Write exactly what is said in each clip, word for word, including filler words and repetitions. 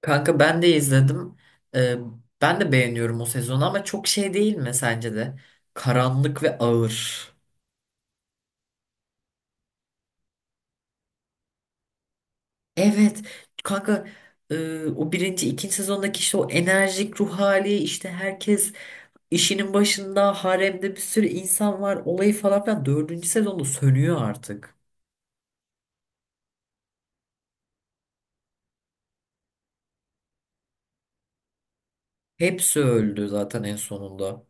Kanka ben de izledim. Ee, Ben de beğeniyorum o sezonu ama çok şey değil mi sence de? Karanlık ve ağır. Evet. Kanka e, o birinci, ikinci sezondaki işte o enerjik ruh hali işte herkes işinin başında haremde bir sürü insan var olayı falan filan. Dördüncü sezonda sönüyor artık. Hepsi öldü zaten en sonunda.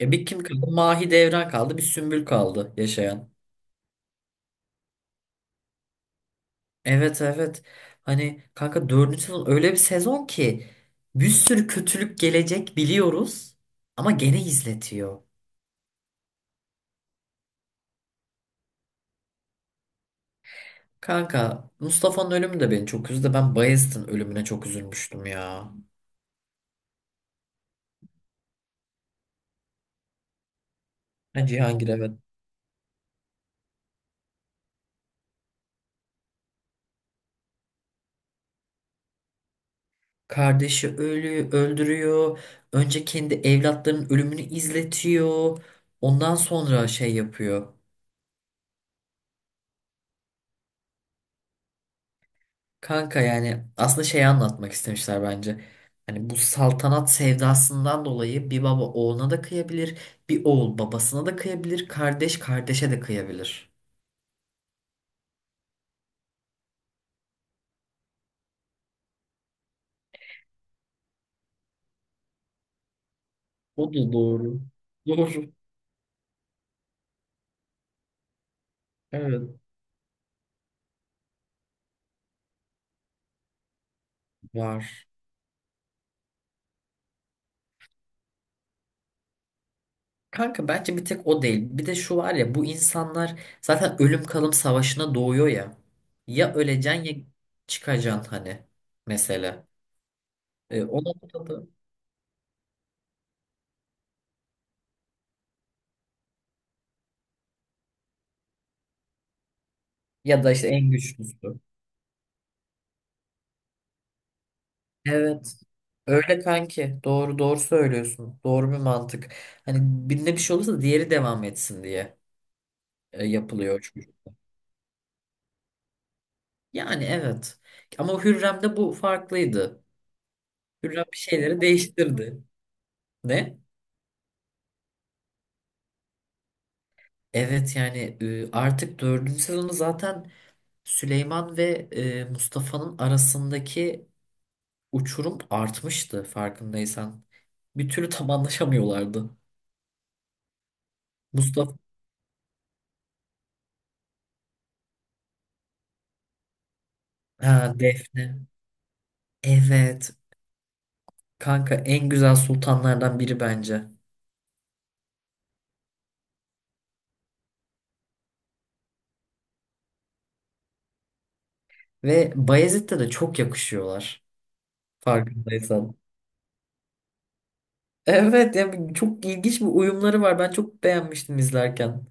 E bir kim kaldı? Mahidevran kaldı. Bir Sümbül kaldı yaşayan. Evet, evet. Hani kanka dördüncü sezon öyle bir sezon ki bir sürü kötülük gelecek biliyoruz ama gene izletiyor. Kanka Mustafa'nın ölümü de beni çok üzdü. Ben Bayezid'in ölümüne çok üzülmüştüm ya. Ha, Cihangir evet. Kardeşi ölü öldürüyor. Önce kendi evlatlarının ölümünü izletiyor. Ondan sonra şey yapıyor. Kanka yani aslında şeyi anlatmak istemişler bence. Hani bu saltanat sevdasından dolayı bir baba oğluna da kıyabilir, bir oğul babasına da kıyabilir, kardeş kardeşe de kıyabilir. O da doğru. Doğru. Evet. Var. Kanka bence bir tek o değil. Bir de şu var ya bu insanlar zaten ölüm kalım savaşına doğuyor ya. Ya öleceksin ya çıkacaksın hani mesela. E, ona da ya da işte en güçlüsü. Evet. Öyle kanki. Doğru doğru söylüyorsun. Doğru bir mantık. Hani birinde bir şey olursa diğeri devam etsin diye e, yapılıyor çünkü. Yani evet. Ama Hürrem'de bu farklıydı. Hürrem bir şeyleri değiştirdi. Ne? Evet yani e, artık dördüncü sezonu zaten Süleyman ve e, Mustafa'nın arasındaki uçurum artmıştı farkındaysan. Bir türlü tam anlaşamıyorlardı. Mustafa, ha, Defne. Evet. Kanka en güzel sultanlardan biri bence. Ve Bayezid'de de çok yakışıyorlar. Farkındaysan. Evet yani çok ilginç bir uyumları var. Ben çok beğenmiştim izlerken.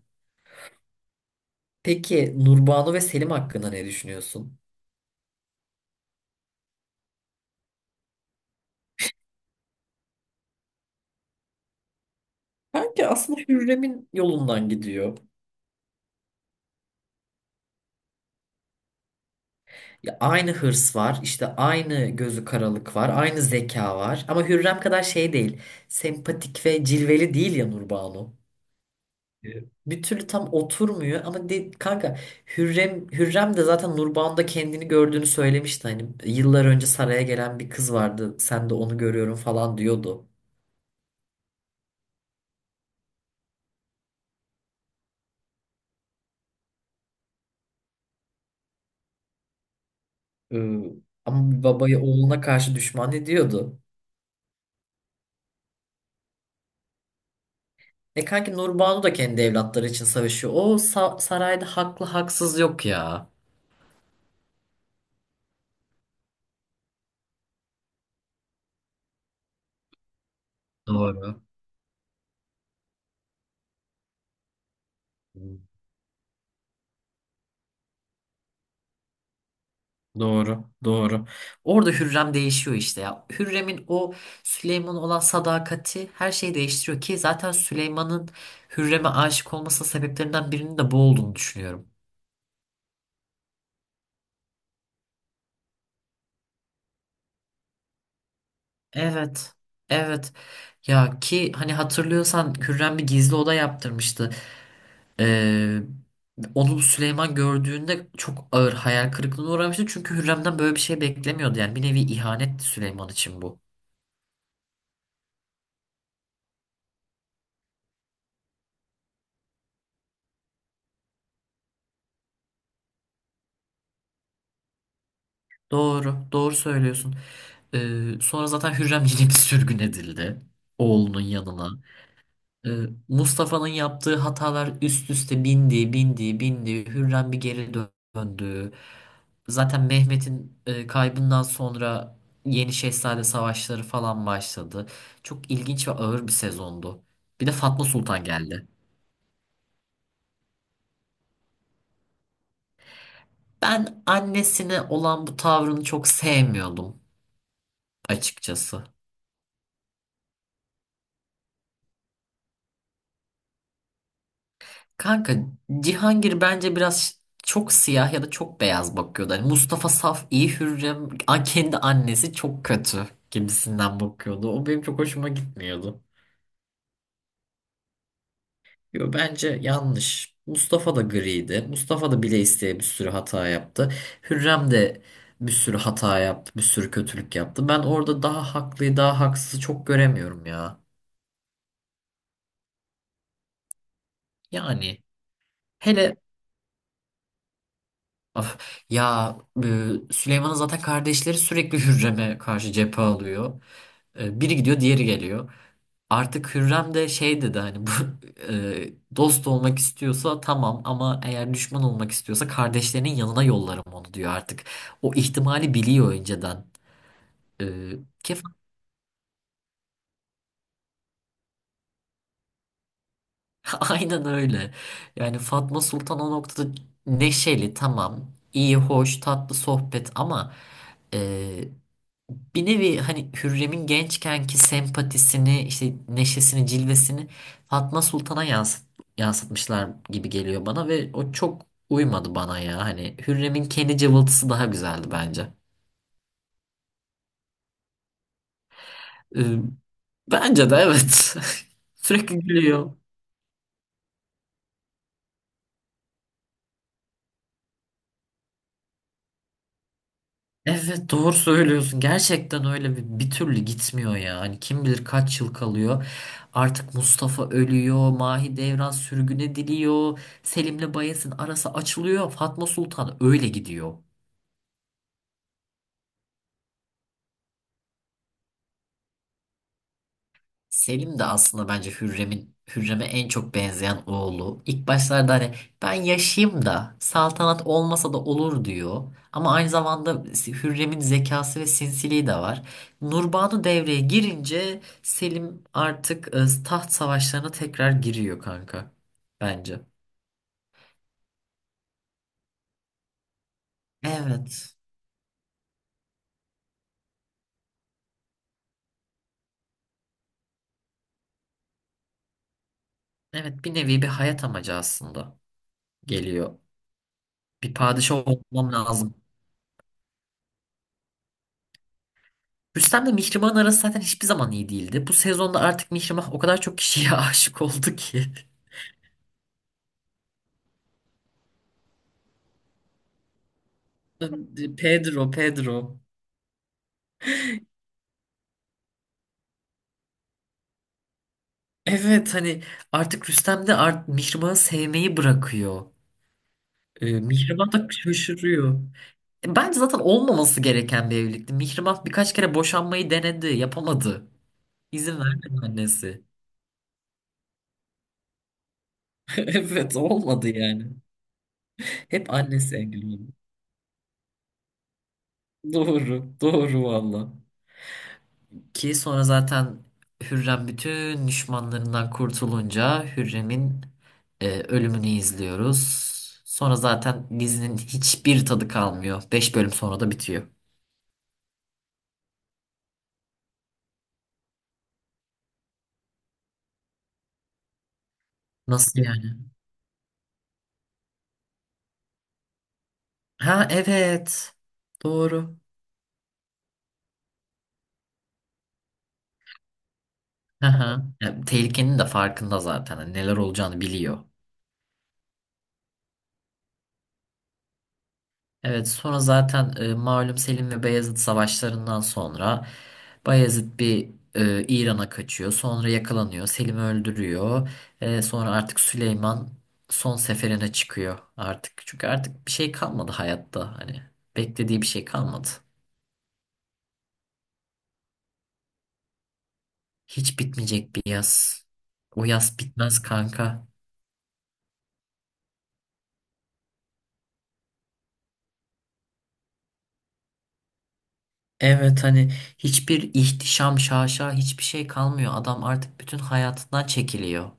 Peki Nurbanu ve Selim hakkında ne düşünüyorsun? Kanka aslında Hürrem'in yolundan gidiyor. Ya aynı hırs var, işte aynı gözü karalık var, aynı zeka var. Ama Hürrem kadar şey değil. Sempatik ve cilveli değil ya Nurbanu. Bir türlü tam oturmuyor ama de, kanka Hürrem Hürrem de zaten Nurban'da kendini gördüğünü söylemişti hani yıllar önce saraya gelen bir kız vardı sen de onu görüyorum falan diyordu. Ee, Ama bir babaya oğluna karşı düşman ediyordu. E kanki Nurbanu da kendi evlatları için savaşıyor. O sa- sarayda haklı haksız yok ya. Doğru. Doğru, doğru. Orada Hürrem değişiyor işte ya. Hürrem'in o Süleyman'a olan sadakati her şeyi değiştiriyor ki zaten Süleyman'ın Hürrem'e aşık olması sebeplerinden birinin de bu olduğunu düşünüyorum. Evet. Evet. Ya ki hani hatırlıyorsan Hürrem bir gizli oda yaptırmıştı. Ee, Onu Süleyman gördüğünde çok ağır hayal kırıklığına uğramıştı. Çünkü Hürrem'den böyle bir şey beklemiyordu. Yani bir nevi ihanetti Süleyman için bu. Doğru, doğru söylüyorsun. Ee, sonra zaten Hürrem yine bir sürgün edildi oğlunun yanına. Ee, Mustafa'nın yaptığı hatalar üst üste bindi, bindi, bindi. Hürrem bir geri döndü. Zaten Mehmet'in e, kaybından sonra Yeni Şehzade savaşları falan başladı. Çok ilginç ve ağır bir sezondu. Bir de Fatma Sultan geldi. Ben annesine olan bu tavrını çok sevmiyordum açıkçası. Kanka Cihangir bence biraz çok siyah ya da çok beyaz bakıyordu. Hani Mustafa Saf iyi Hürrem a- kendi annesi çok kötü gibisinden bakıyordu. O benim çok hoşuma gitmiyordu. Yo, bence yanlış. Mustafa da griydi. Mustafa da bile isteye bir sürü hata yaptı. Hürrem de bir sürü hata yaptı, bir sürü kötülük yaptı. Ben orada daha haklıyı, daha haksızı çok göremiyorum ya. Yani hele of. Ya e, Süleyman'ın zaten kardeşleri sürekli Hürrem'e karşı cephe alıyor. E, biri gidiyor, diğeri geliyor. Artık Hürrem de şey dedi hani bu e, dost olmak istiyorsa tamam ama eğer düşman olmak istiyorsa kardeşlerinin yanına yollarım onu diyor artık. O ihtimali biliyor önceden. E, ki aynen öyle. Yani Fatma Sultan o noktada neşeli tamam, iyi, hoş, tatlı sohbet ama bir nevi hani Hürrem'in gençkenki sempatisini, işte neşesini, cilvesini Fatma Sultan'a yansıt, yansıtmışlar gibi geliyor bana ve o çok uymadı bana ya. Hani Hürrem'in kendi cıvıltısı daha güzeldi bence. Ee, Bence de evet. Sürekli gülüyor. Evet doğru söylüyorsun. Gerçekten öyle bir, bir türlü gitmiyor ya. Hani kim bilir kaç yıl kalıyor. Artık Mustafa ölüyor. Mahidevran sürgüne diliyor. Selim'le Bayez'in arası açılıyor. Fatma Sultan öyle gidiyor. Selim de aslında bence Hürrem'in Hürrem'e en çok benzeyen oğlu. İlk başlarda hani ben yaşayayım da saltanat olmasa da olur diyor. Ama aynı zamanda si, Hürrem'in zekası ve sinsiliği de var. Nurbanu devreye girince Selim artık e, taht savaşlarına tekrar giriyor kanka. Bence. Evet. Evet bir nevi bir hayat amacı aslında geliyor. Bir padişah olmam lazım. Rüstem'le Mihrimah'ın arası zaten hiçbir zaman iyi değildi. Bu sezonda artık Mihrimah o kadar çok kişiye aşık oldu ki. Pedro, Pedro. Evet hani artık Rüstem de art Mihrimah'ı sevmeyi bırakıyor. Ee, Mihrimah da şaşırıyor. E, bence zaten olmaması gereken bir evlilikti. Mihrimah birkaç kere boşanmayı denedi, yapamadı. İzin vermedi annesi. Evet olmadı yani. Hep annesi engel oldu. Doğru, doğru valla. Ki sonra zaten Hürrem bütün düşmanlarından kurtulunca Hürrem'in e, ölümünü izliyoruz. Sonra zaten dizinin hiçbir tadı kalmıyor. Beş bölüm sonra da bitiyor. Nasıl yani? Ha evet. Doğru. Hı hı. Ya, tehlikenin de farkında zaten. Hani neler olacağını biliyor. Evet sonra zaten e, malum Selim ve Beyazıt savaşlarından sonra Bayezid bir e, İran'a kaçıyor. Sonra yakalanıyor. Selim'i öldürüyor. E, sonra artık Süleyman son seferine çıkıyor artık. Çünkü artık bir şey kalmadı hayatta. Hani beklediği bir şey kalmadı. Hiç bitmeyecek bir yaz. O yaz bitmez kanka. Evet hani hiçbir ihtişam, şaşa hiçbir şey kalmıyor. Adam artık bütün hayatından çekiliyor.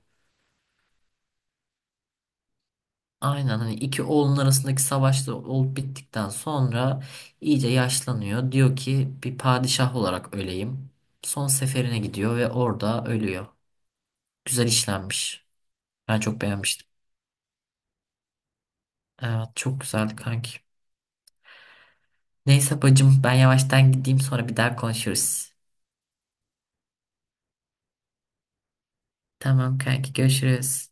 Aynen hani iki oğlun arasındaki savaş da olup bittikten sonra iyice yaşlanıyor. Diyor ki bir padişah olarak öleyim. Son seferine gidiyor ve orada ölüyor. Güzel işlenmiş. Ben çok beğenmiştim. Evet çok güzeldi kanki. Neyse bacım ben yavaştan gideyim sonra bir daha konuşuruz. Tamam kanki görüşürüz.